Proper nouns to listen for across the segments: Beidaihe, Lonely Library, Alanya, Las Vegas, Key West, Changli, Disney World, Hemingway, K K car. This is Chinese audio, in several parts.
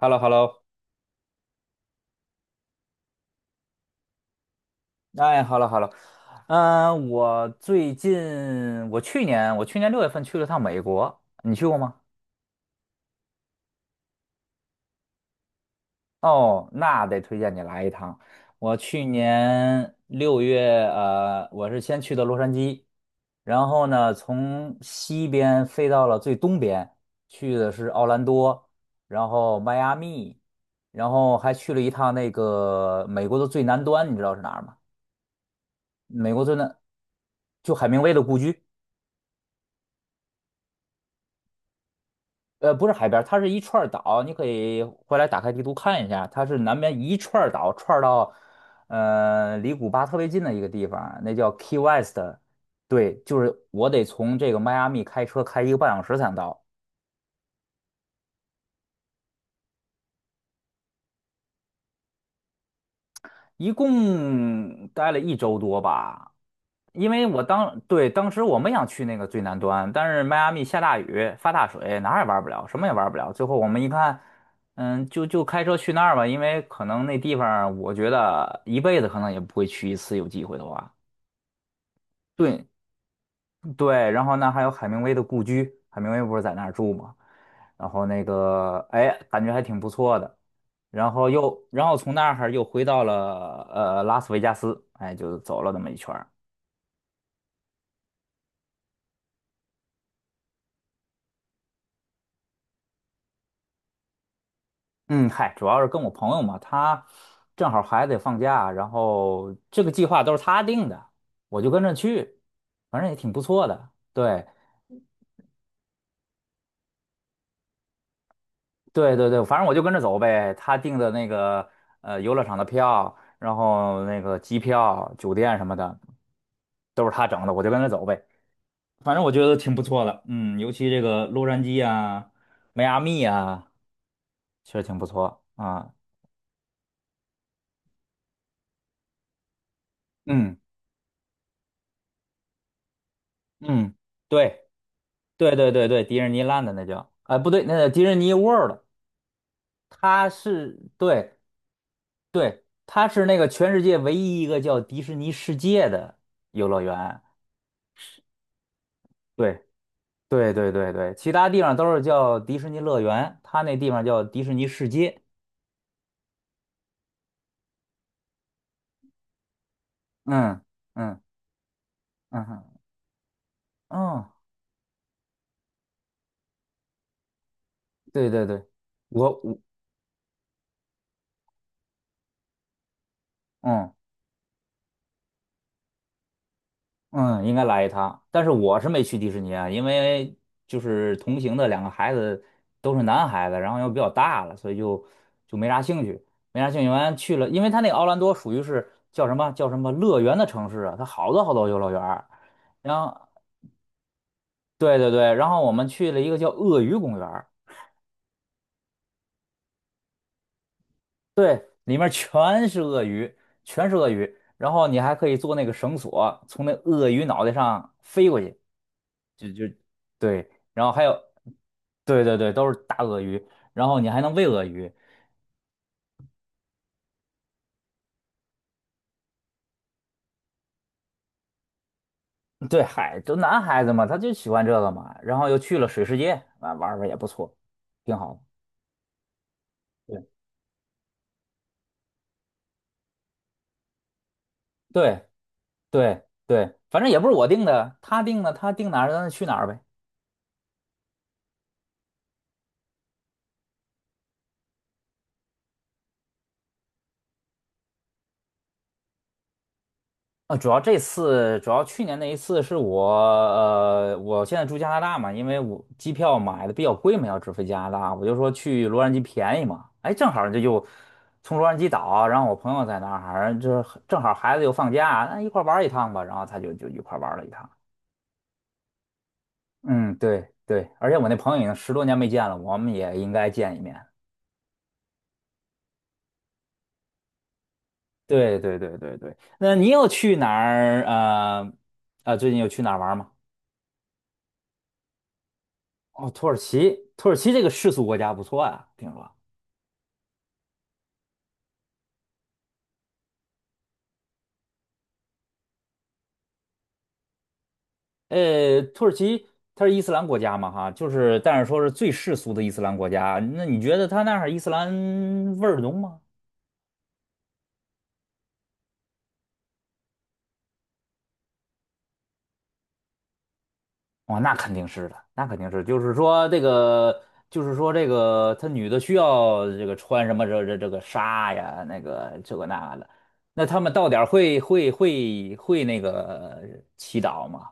h e l l o h e l l o。 哎， h e l l o h e l l o。 我最近，我去年6月份去了趟美国，你去过吗？哦，那得推荐你来一趟。我去年六月，我是先去的洛杉矶，然后呢，从西边飞到了最东边，去的是奥兰多，然后迈阿密，然后还去了一趟那个美国的最南端，你知道是哪儿吗？美国最南，就海明威的故居。不是海边儿，它是一串儿岛，你可以回来打开地图看一下，它是南边一串儿岛串儿到，离古巴特别近的一个地方，那叫 Key West。对，就是我得从这个迈阿密开车开1个半小时才能到。一共待了一周多吧，因为对，当时我们想去那个最南端，但是迈阿密下大雨，发大水，哪儿也玩不了，什么也玩不了。最后我们一看，就开车去那儿吧，因为可能那地方我觉得一辈子可能也不会去一次，有机会的话。对，对，然后呢还有海明威的故居，海明威不是在那儿住吗？然后那个，哎，感觉还挺不错的。然后又，然后从那儿又回到了拉斯维加斯，哎，就走了那么一圈儿。嗯，嗨，主要是跟我朋友嘛，他正好孩子也放假，然后这个计划都是他定的，我就跟着去，反正也挺不错的。对，对对对，反正我就跟着走呗。他订的那个游乐场的票，然后那个机票、酒店什么的都是他整的，我就跟着走呗。反正我觉得挺不错的，尤其这个洛杉矶啊、迈阿密啊，确实挺不错啊。嗯嗯，对对对对对，迪士尼 land 那叫，哎、不对，那叫迪士尼 World，对对，它是那个全世界唯一一个叫迪士尼世界的游乐园。对。对对对对，其他地方都是叫迪士尼乐园，他那地方叫迪士尼世界。嗯嗯嗯哼嗯，对对对，我嗯嗯，应该来一趟，但是我是没去迪士尼啊，因为就是同行的2个孩子都是男孩子，然后又比较大了，所以就没啥兴趣，没啥兴趣。完去了，因为他那个奥兰多属于是叫什么叫什么乐园的城市啊，它好多好多游乐园儿然后对对对，然后我们去了一个叫鳄鱼公园。对，里面全是鳄鱼，全是鳄鱼。然后你还可以做那个绳索，从那鳄鱼脑袋上飞过去，就对。然后还有，对对对，都是大鳄鱼。然后你还能喂鳄鱼。对，嗨，都男孩子嘛，他就喜欢这个嘛。然后又去了水世界，啊，玩儿玩儿也不错，挺好的。对对对对，反正也不是我定的，他定的，他定哪儿咱就去哪儿呗。啊，主要去年那一次是我，我现在住加拿大嘛，因为我机票买的比较贵嘛，要直飞加拿大，我就说去洛杉矶便宜嘛，哎，正好这就从洛杉矶岛，然后我朋友在那儿，就正好孩子又放假，那一块儿玩儿一趟吧，然后他就一块儿玩儿了一趟。嗯，对对，而且我那朋友已经10多年没见了，我们也应该见一面。对对对对对，那你有去哪儿？最近有去哪儿玩儿吗？哦，土耳其，土耳其这个世俗国家不错啊，听说。土耳其它是伊斯兰国家嘛，哈，就是但是说是最世俗的伊斯兰国家。那你觉得它那儿伊斯兰味儿浓吗？哦，那肯定是的，那肯定是，就是说这个，他女的需要这个穿什么这个纱呀，那个这个那的。那他们到点儿会那个祈祷吗？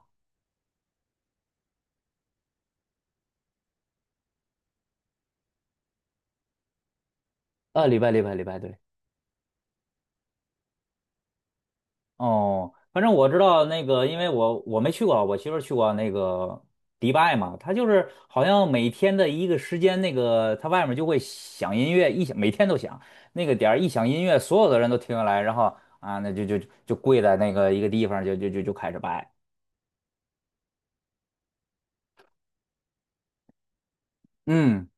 啊，礼拜礼拜礼拜，对。哦，反正我知道那个，因为我没去过，我媳妇儿去过那个迪拜嘛，她就是好像每天的一个时间，那个她外面就会响音乐，一响每天都响，那个点儿一响音乐，所有的人都停下来，然后啊，那就跪在那个一个地方，就开始拜，嗯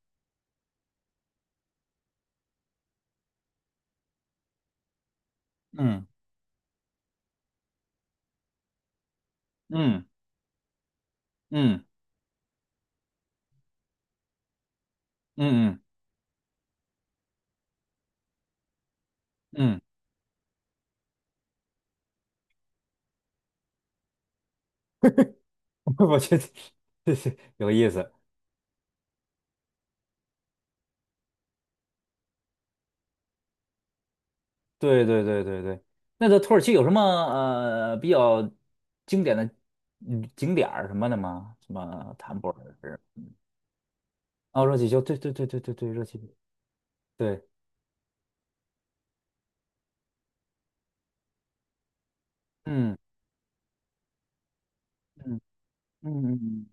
嗯嗯嗯嗯嗯嗯，我觉得 有意思。对对对对对，那个土耳其有什么比较经典的景点儿什么的吗？什么坦博尔是？哦，热气球，对对对对对对，热气球，对，嗯嗯嗯嗯。嗯。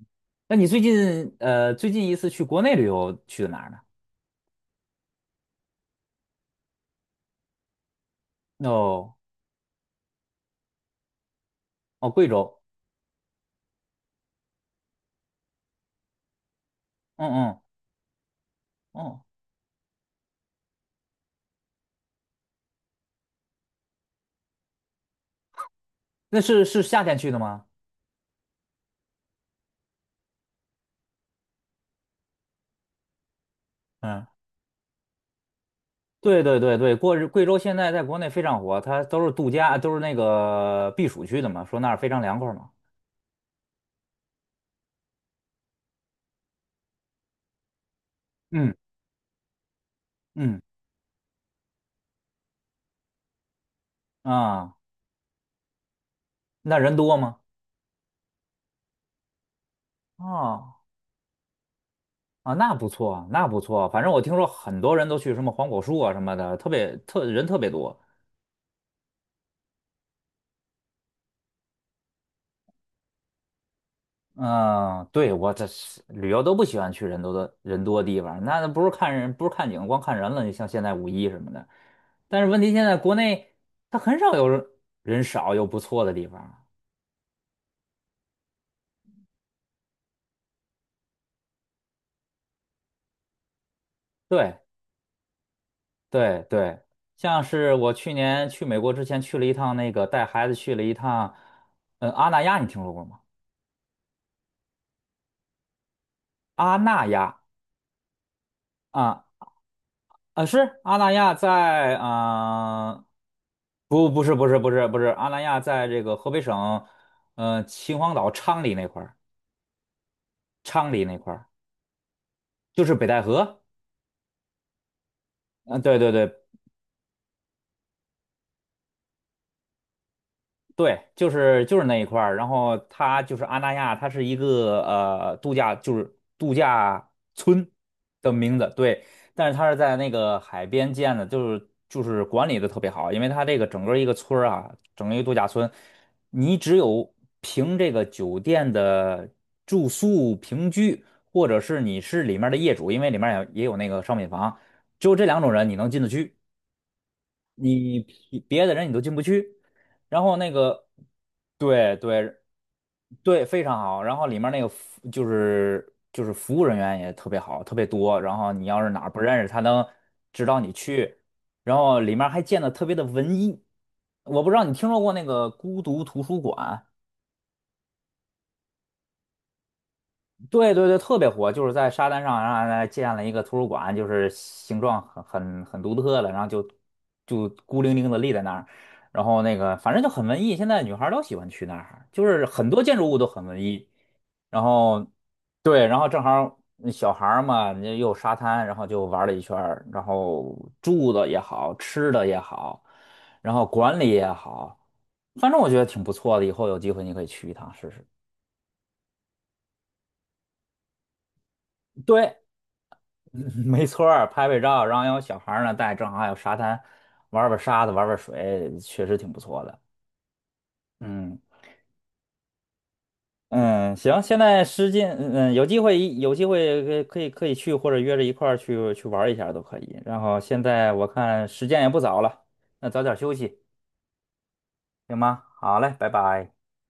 那你最近最近一次去国内旅游去的哪儿呢？哦哦，贵州，嗯嗯哦，那是夏天去的吗？嗯，对对对对，过日贵州现在在国内非常火，它都是度假，都是那个避暑区的嘛，说那儿非常凉快嘛。嗯嗯啊。那人多吗？哦啊，那不错啊，那不错啊。反正我听说很多人都去什么黄果树啊什么的，特别特人特别多。嗯，对，我这是旅游都不喜欢去人多的地方，那不是看人，不是看景，光看人了。你像现在五一什么的，但是问题现在国内它很少有人人少又不错的地方。对对对，像是我去年去美国之前去了一趟那个带孩子去了一趟，嗯，阿那亚，你听说过吗？阿那亚。啊，啊，是阿那亚在啊、不，不是，不是，不是，不是，阿那亚在这个河北省，嗯，秦皇岛昌黎那块儿，昌黎那块儿就是北戴河，嗯、对对对，对，就是那一块儿，然后它就是阿那亚，它是一个度假，就是度假村的名字，对，但是它是在那个海边建的，就是管理的特别好，因为它这个整个一个村儿啊，整个一个度假村，你只有凭这个酒店的住宿平居，或者是你是里面的业主，因为里面也有那个商品房，只有这2种人你能进得去。你别的人你都进不去。然后那个，对对对，非常好。然后里面那个服就是就是服务人员也特别好，特别多。然后你要是哪儿不认识，他能指导你去。然后里面还建的特别的文艺。我不知道你听说过那个孤独图书馆。对对对，特别火，就是在沙滩上，然后呢建了一个图书馆，就是形状很独特的，然后就孤零零的立在那儿，然后那个反正就很文艺，现在女孩儿都喜欢去那儿，就是很多建筑物都很文艺，然后对，然后正好儿那小孩儿嘛，你又有沙滩，然后就玩了一圈儿，然后住的也好，吃的也好，然后管理也好，反正我觉得挺不错的，以后有机会你可以去一趟试试。对，嗯没错儿，拍拍照，然后有小孩儿呢带，正好还有沙滩，玩儿玩儿沙子，玩儿玩儿水，确实挺不错的。嗯嗯，行，现在时间，嗯，嗯有机会一有机会可以去，或者约着一块儿去玩儿一下都可以。然后现在我看时间也不早了，那早点休息，行吗？好嘞，拜拜。